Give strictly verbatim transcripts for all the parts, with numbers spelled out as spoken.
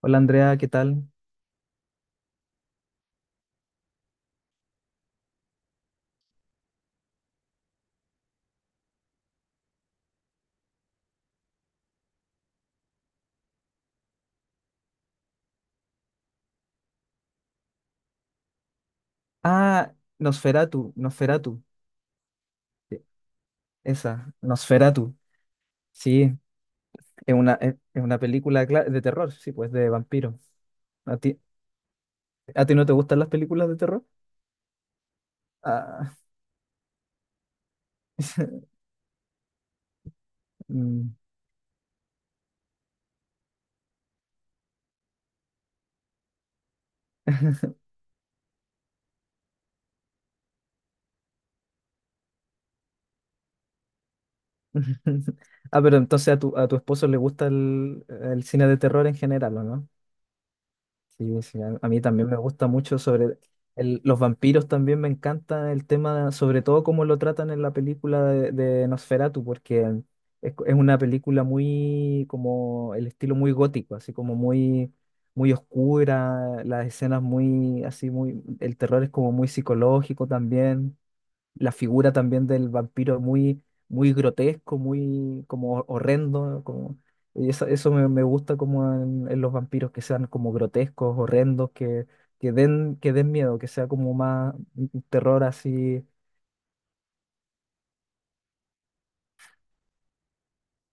Hola Andrea, ¿qué tal? Ah, Nosferatu, Nosferatu, e- esa, Nosferatu, sí, es una, es, es una película cla- de terror, sí, pues de vampiro. ¿A ti, a ti no te gustan las películas de terror? Ah, mm. Ah, pero entonces a tu, a tu esposo le gusta el, el cine de terror en general, ¿o no? Sí, pues, sí, a, a mí también me gusta mucho sobre el- los vampiros, también me encanta el tema, sobre todo cómo lo tratan en la película de, de Nosferatu, porque es, es una película muy, como el estilo muy gótico, así como muy, muy oscura, las escenas muy, así muy, el terror es como muy psicológico también. La figura también del vampiro muy, muy grotesco, muy como horrendo, como, y eso, eso me, me gusta como en, en los vampiros que sean como grotescos, horrendos, que, que den, que den miedo, que sea como más un- un terror así.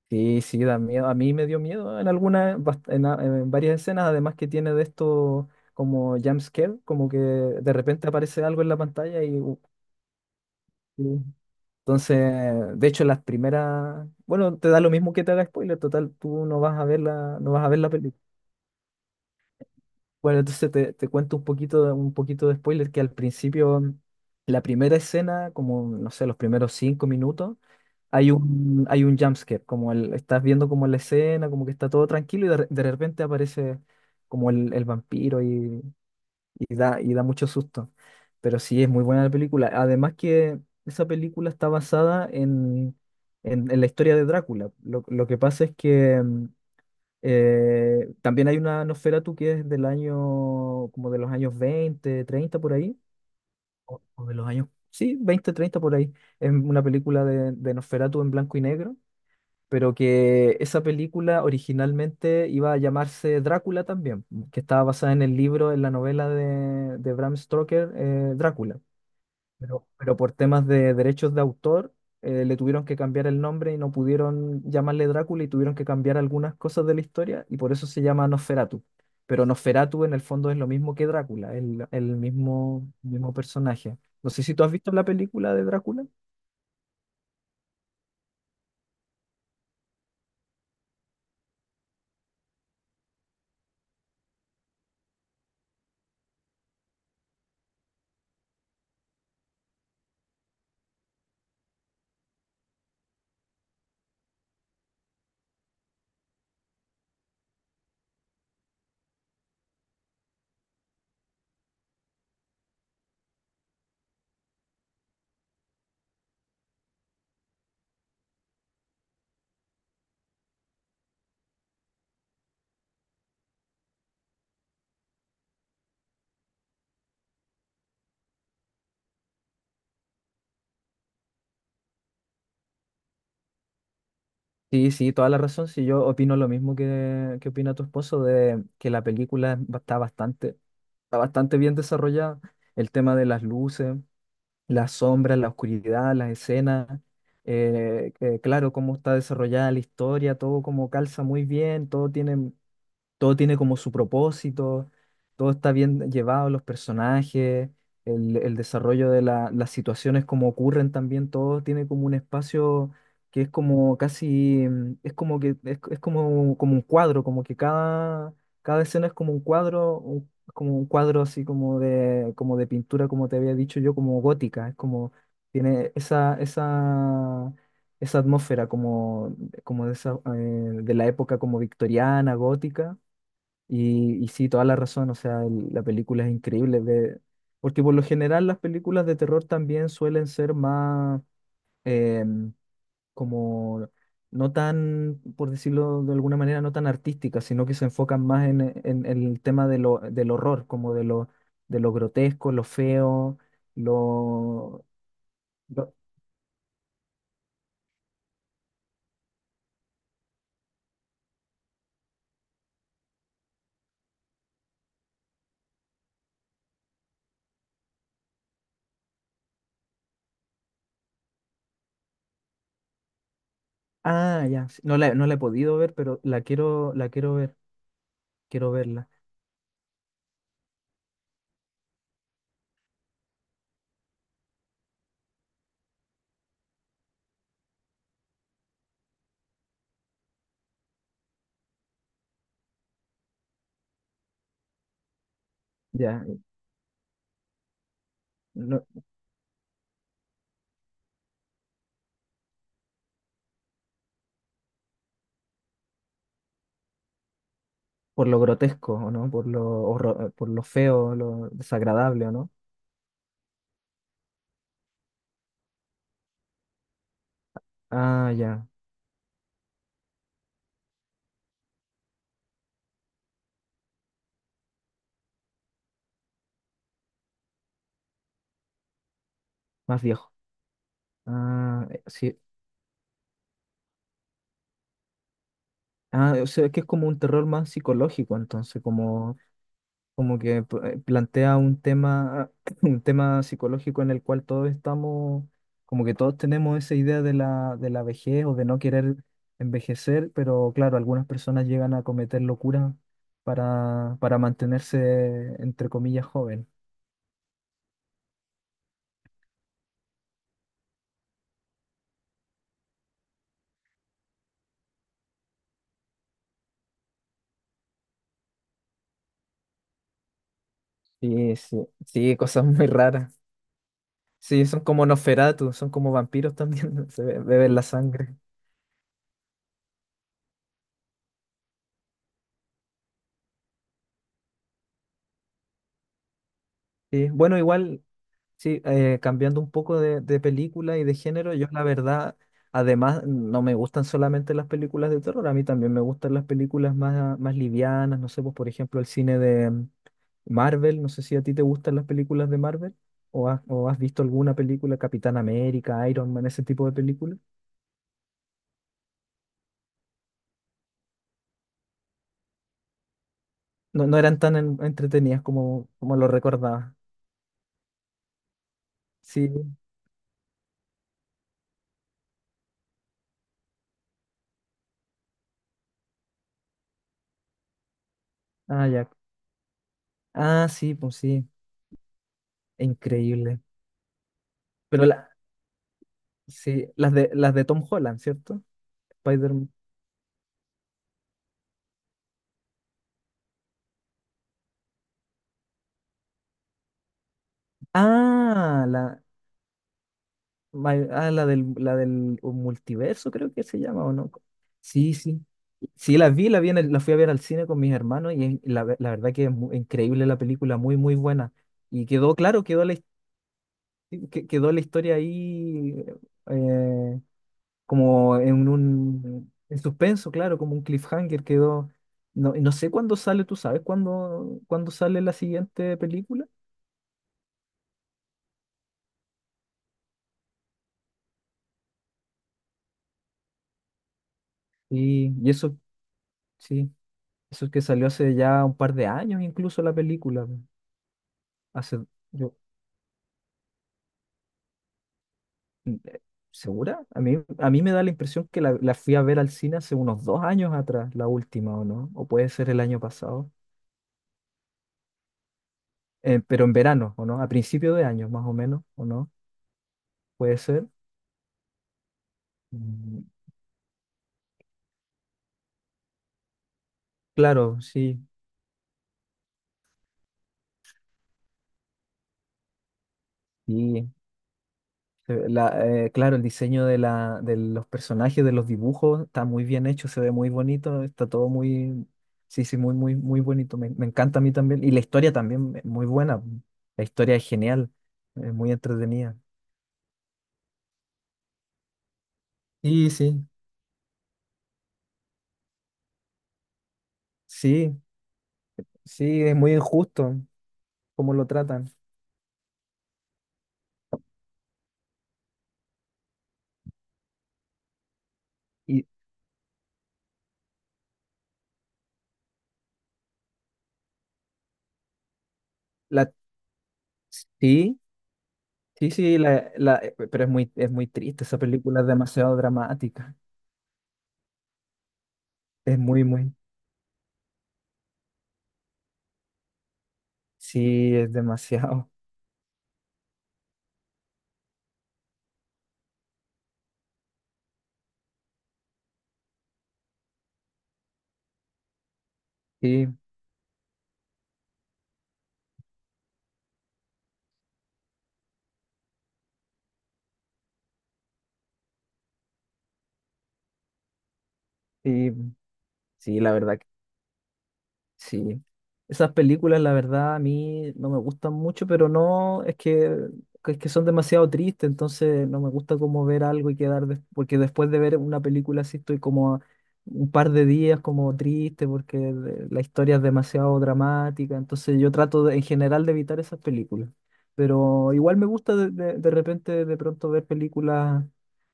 Sí, sí, da miedo. A mí me dio miedo en algunas, bast- en, a- en varias escenas, además que tiene de esto como jump scare, como que de repente aparece algo en la pantalla. Y, Entonces, de hecho, las primeras, bueno, te da lo mismo que te haga spoiler, total, tú no vas a ver la, no vas a ver la película. Bueno, entonces te, te cuento un poquito, de- un poquito de spoiler, que al principio, la primera escena, como, no sé, los primeros cinco minutos, hay un, hay un jumpscare, como el, estás viendo como la escena, como que está todo tranquilo y de, re- de repente aparece como el, el vampiro y y da, y da mucho susto. Pero sí, es muy buena la película. Además que esa película está basada en, en, en la historia de Drácula. Lo, lo que pasa es que mm, eh, también hay una Nosferatu que es del año, como de los años veinte treinta por ahí, o, o de los años, sí, veinte treinta por ahí. Es una película de, de Nosferatu en blanco y negro, pero que esa película originalmente iba a llamarse Drácula también, que estaba basada en el libro, en la novela de, de Bram Stoker, eh, Drácula. Pero, pero por temas de derechos de autor, eh, le tuvieron que cambiar el nombre y no pudieron llamarle Drácula, y tuvieron que cambiar algunas cosas de la historia y por eso se llama Nosferatu. Pero Nosferatu en el fondo es lo mismo que Drácula, el, el mismo, mismo personaje. No sé si tú has visto la película de Drácula. Sí, sí, toda la razón. Sí, yo opino lo mismo que, que opina tu esposo, de que la película es está bastante, está bastante bien desarrollada. El tema de las luces, las sombras, la oscuridad, las escenas, eh, eh, claro, cómo está desarrollada la historia, todo como calza muy bien, todo tiene todo tiene como su propósito, todo está bien llevado, los personajes, el, el desarrollo de la- las situaciones como ocurren también, todo tiene como un espacio que es como casi, mm, es como que, es, es como, como un cuadro, como que cada, cada escena es como un cuadro, un- como un cuadro así como de, como de pintura, como te había dicho yo, como gótica, es como, tiene esa, esa, esa atmósfera, como, como de esa, eh, de la época como victoriana, gótica. Y, y sí, toda la razón, o sea, el- la película es increíble, de porque por lo general las películas de terror también suelen ser más em, como, no tan, por decirlo de alguna manera, no tan artísticas, sino que se enfocan más en, en- en el tema de lo, del horror, como de lo, de lo grotesco, lo feo, lo... lo- Ah, ya, sí, no la, no la he podido ver, pero la quiero, la quiero ver, quiero verla. Ya, no- Por lo grotesco, ¿o no? Por lo, horro- por lo feo, lo desagradable, ¿o no? Ah, ya, más viejo. Ah, eh, sí. Ah, o sea, que es como un terror más psicológico, entonces, como, como que pl- eh, plantea un tema, un tema psicológico en el cual todos estamos, como que todos tenemos esa idea de la, de la vejez o de no querer envejecer, pero claro, algunas personas llegan a cometer locuras para, para mantenerse, entre comillas, jóvenes. Sí, sí, sí, cosas muy raras. Sí, son como Nosferatu, son como vampiros también, se be- beben la sangre. Sí, bueno, igual, sí, eh, cambiando un poco de, de película y de género, yo la verdad, además, no me gustan solamente las películas de terror, a mí también me gustan las películas más, más livianas, no sé, pues por ejemplo el cine de mm, Marvel, no sé si a ti te gustan las películas de Marvel o has, o has visto alguna película, Capitán América, Iron Man, ese tipo de películas. No, no eran tan en- entretenidas como, como lo recordaba. Sí, ah, ya. Ah, sí, pues sí, increíble. Pero la, sí, las de las de Tom Holland, ¿cierto? Spider-Man. Ah, la, my- ah, la del, la del multiverso, creo que se llama, ¿o no? Sí, sí. Sí, la vi, la vi en el- la fui a ver al cine con mis hermanos y en- la, ve- la verdad que es mu- increíble la película, muy, muy buena. Y quedó claro, quedó la, his- que- quedó la historia ahí, eh, como en un en suspenso, claro, como un cliffhanger quedó. No, no sé cuándo sale. Tú sabes cuándo, cuándo sale la siguiente película. Y, y eso, sí, eso es que salió hace ya un par de años incluso la película. Hace, yo, mm, eh, ¿Segura? A mí, a mí me da la impresión que la, la fui a ver al cine hace unos dos años atrás, la última, ¿o no? O puede ser el año pasado. Eh, pero en verano, ¿o no? A principio de año, más o menos, ¿o no? Puede ser. Mm, claro, sí. Sí, Se- la- eh, claro, el diseño de, la, de los personajes, de los dibujos, está muy bien hecho, se ve muy bonito, está todo muy, sí, sí, muy, muy, muy bonito. Me, me encanta a mí también. Y la historia también, es muy buena. La historia es genial, es muy entretenida. Sí, sí. Sí, sí, es muy injusto cómo lo tratan. Y la, sí, sí, sí, la, la, eh, pero es muy, es muy triste, esa película es demasiado dramática. Es muy, muy, sí, es demasiado. Sí, sí, sí, la verdad que sí, esas películas la verdad a mí no me gustan mucho, pero no, es que, que es que son demasiado tristes, entonces no me gusta como ver algo y quedar, des- porque después de ver una película así estoy como un par de días como triste porque de- la historia es demasiado dramática, entonces yo trato de- en general de evitar esas películas, pero igual me gusta de, de- de repente de pronto ver películas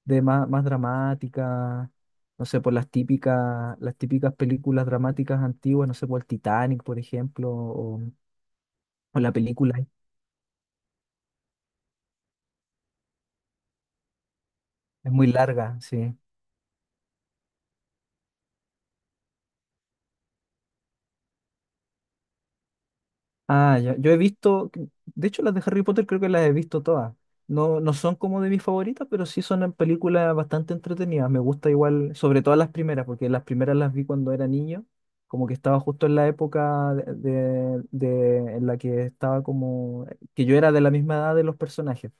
de más, más dramáticas, no sé, por las típicas, las típicas películas dramáticas antiguas, no sé, por el Titanic, por ejemplo, o, o la película es muy larga, sí. Ah, ya, yo he visto, de hecho las de Harry Potter creo que las he visto todas. No, no son como de mis favoritas, pero sí son en películas bastante entretenidas. Me gusta igual, sobre todo las primeras, porque las primeras las vi cuando era niño, como que estaba justo en la época de, de- de- en la que estaba como, que yo era de la misma edad de los personajes.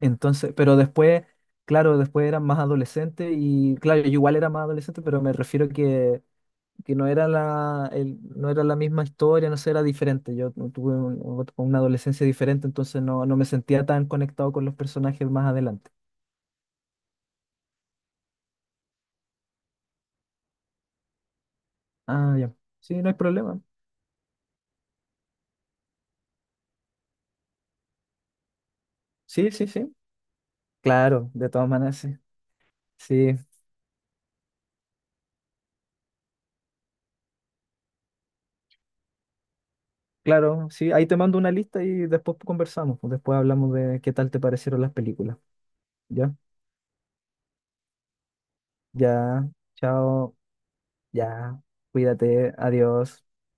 Entonces, pero después, claro, después era más adolescente y claro, yo igual era más adolescente, pero me refiero que, que no era la, el- no era la misma historia, no sé, era diferente. Yo tu- tuve un- ot- una adolescencia diferente, entonces no, no me sentía tan conectado con los personajes más adelante. Ah, ya. Sí, no hay problema. Sí, sí, sí. Claro, de todas maneras, sí. Sí, claro, sí. Ahí te mando una lista y después conversamos, pues. Después hablamos de qué tal te parecieron las películas. ¿Ya? Ya. Chao. Ya, cuídate, adiós.